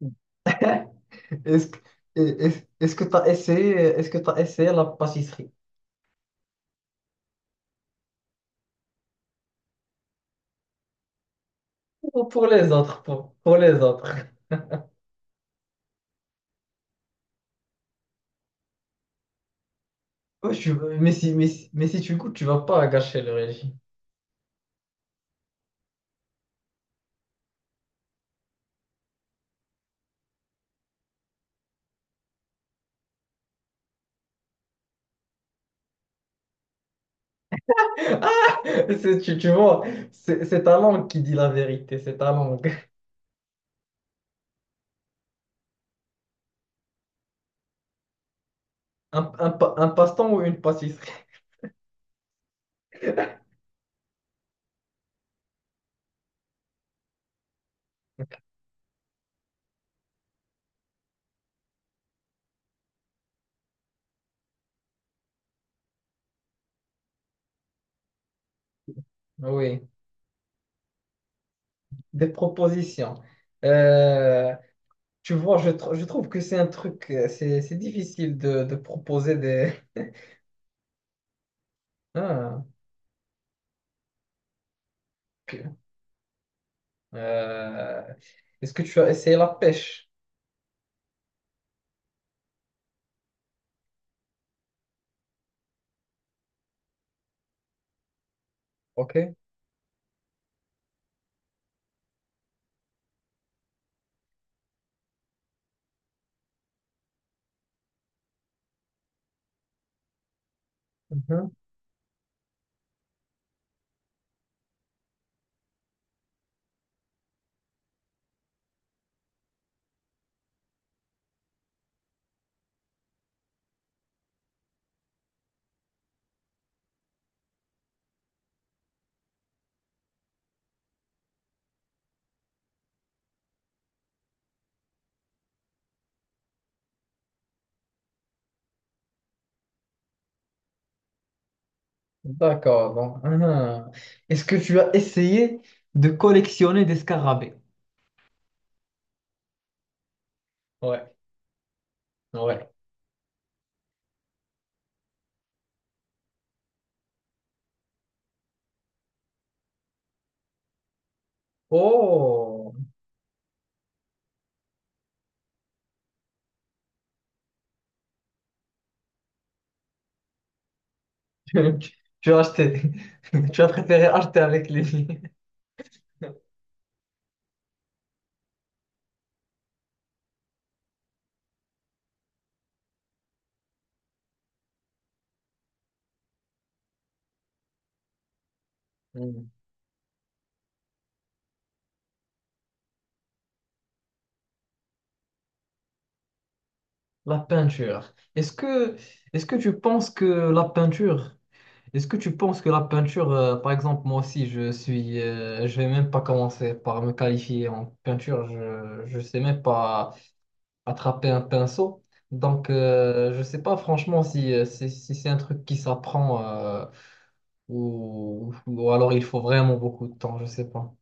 Est-ce que, est-ce que tu as essayé, est-ce que tu essayé la pâtisserie? Pour les autres, pour les autres. Ouais, mais si, mais si, mais si tu goûtes, tu vas pas gâcher le régime. Tu, tu vois, c'est ta langue qui dit la vérité, c'est ta langue. Un, un passe-temps ou une pâtisserie? Oui, des propositions. Euh, tu vois, je, je trouve que c'est un truc, c'est difficile de proposer des... Ah. Euh, est-ce que tu as essayé la pêche? Ok? Mhm. D'accord. Donc, mhm. Est-ce que tu as essayé de collectionner des scarabées? Ouais, ouais. Oh! Tu as acheté. Tu as préféré acheter avec les... Hmm. La peinture. Est-ce que tu penses que la peinture, est-ce que tu penses que la peinture, par exemple, moi aussi, je suis, je vais même pas commencer par me qualifier en peinture. Je sais même pas. Attraper un pinceau. Donc, je sais pas franchement si, si, si c'est un truc qui s'apprend ou alors il faut vraiment beaucoup de temps, je sais pas.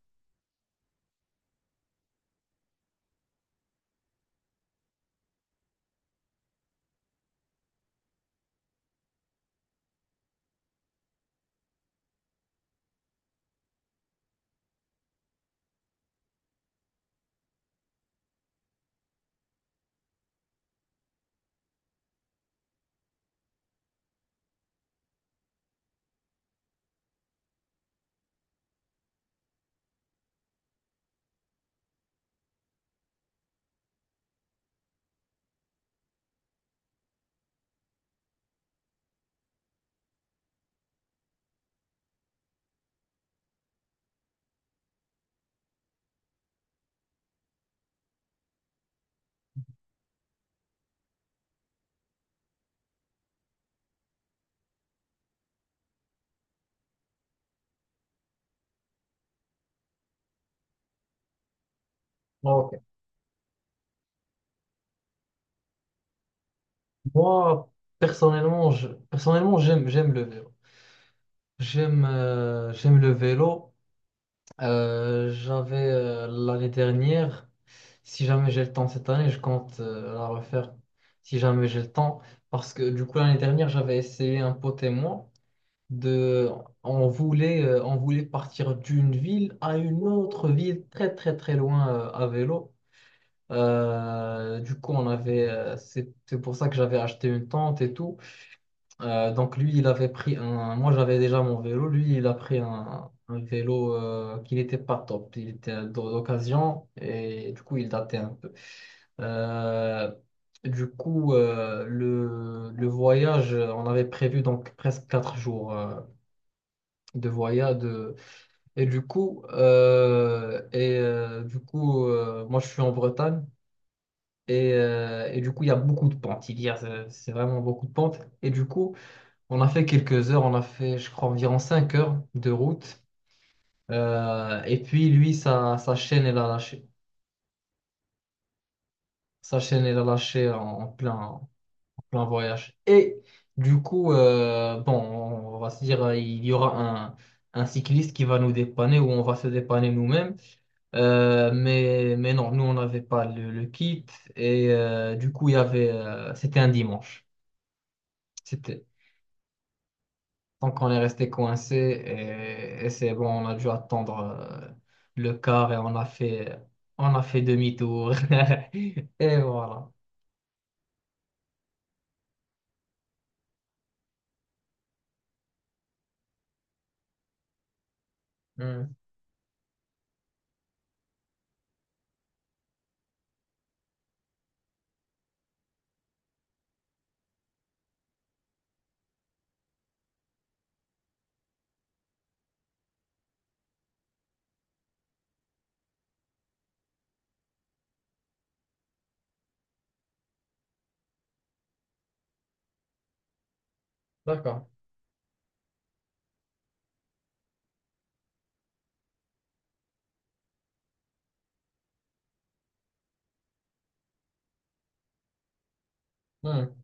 Ok. Moi, personnellement, je, personnellement, j'aime, j'aime le vélo. J'aime j'aime le vélo. J'avais l'année dernière, si jamais j'ai le temps cette année, je compte la refaire si jamais j'ai le temps. Parce que du coup, l'année dernière, j'avais essayé un pote et moi. De on voulait partir d'une ville à une autre ville très très très loin à vélo. Du coup on avait c'est pour ça que j'avais acheté une tente et tout. Donc lui il avait pris un moi j'avais déjà mon vélo lui il a pris un vélo qui n'était pas top il était d'occasion et du coup il datait un peu. Euh, du coup, le voyage, on avait prévu donc presque quatre jours de voyage, et, du coup moi je suis en Bretagne et du coup il y a beaucoup de pentes. Il y a, c'est vraiment beaucoup de pentes. Et du coup, on a fait quelques heures, on a fait je crois environ 5 heures de route. Et puis lui, sa, sa chaîne, elle a lâché. Sa chaîne, elle a lâché en, en plein, plan voyage. Et du coup, bon, on va se dire, il y aura un cycliste qui va nous dépanner ou on va se dépanner nous-mêmes. Mais non, nous, on n'avait pas le, le kit. Et du coup, il y avait, c'était un dimanche. C'était, donc, on est resté coincé et c'est bon, on a dû attendre le car et on a fait demi-tour. Et voilà. Hmm. D'accord. Hmm.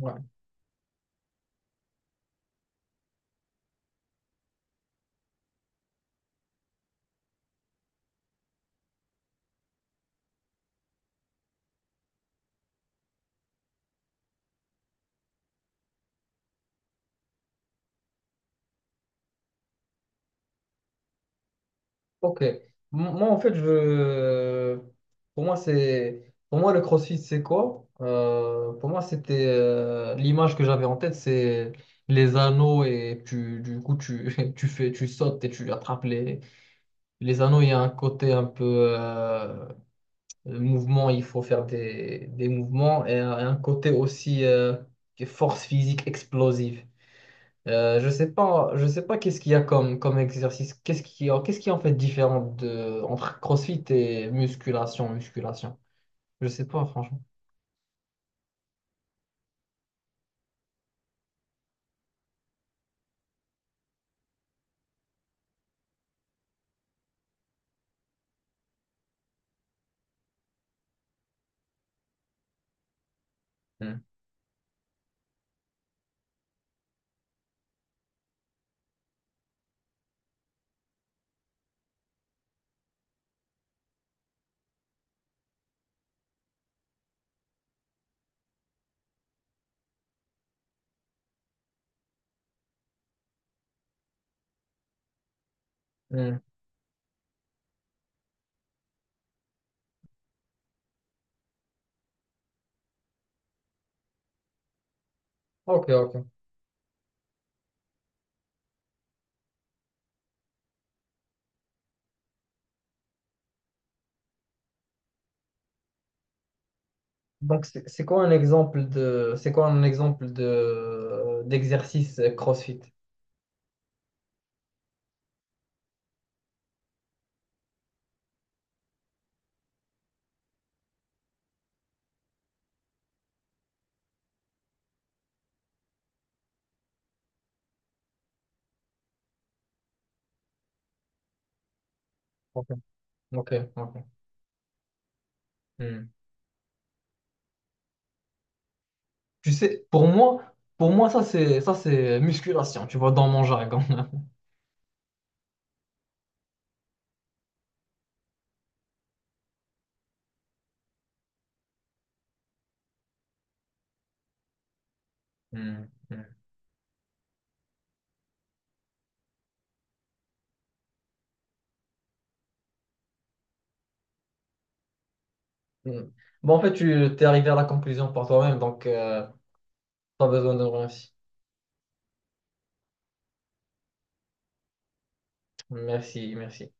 Ouais. Ok. M- Moi, en fait, je... pour moi, c'est... pour moi, le CrossFit, c'est quoi? Pour moi, c'était l'image que j'avais en tête, c'est les anneaux et tu, du coup, tu, tu fais, tu sautes et tu attrapes les anneaux. Il y a un côté un peu euh, mouvement, il faut faire des mouvements et un côté aussi force physique explosive. Je sais pas qu'est-ce qu'il y a comme, comme exercice, qu'est-ce qui est en fait différent de, entre CrossFit et musculation, musculation. Je sais pas, franchement. Hmm. Hmm. Ok, ok. Donc, c'est quoi un exemple de, c'est quoi un exemple de, d'exercice CrossFit? Ok, ok, ok. Hmm. Tu sais, pour moi, ça c'est musculation, tu vois, dans mon jargon. Hmm. Hmm. Hmm. Bon, en fait, tu t'es arrivé à la conclusion par toi-même, donc pas besoin de me remercier. Merci, merci.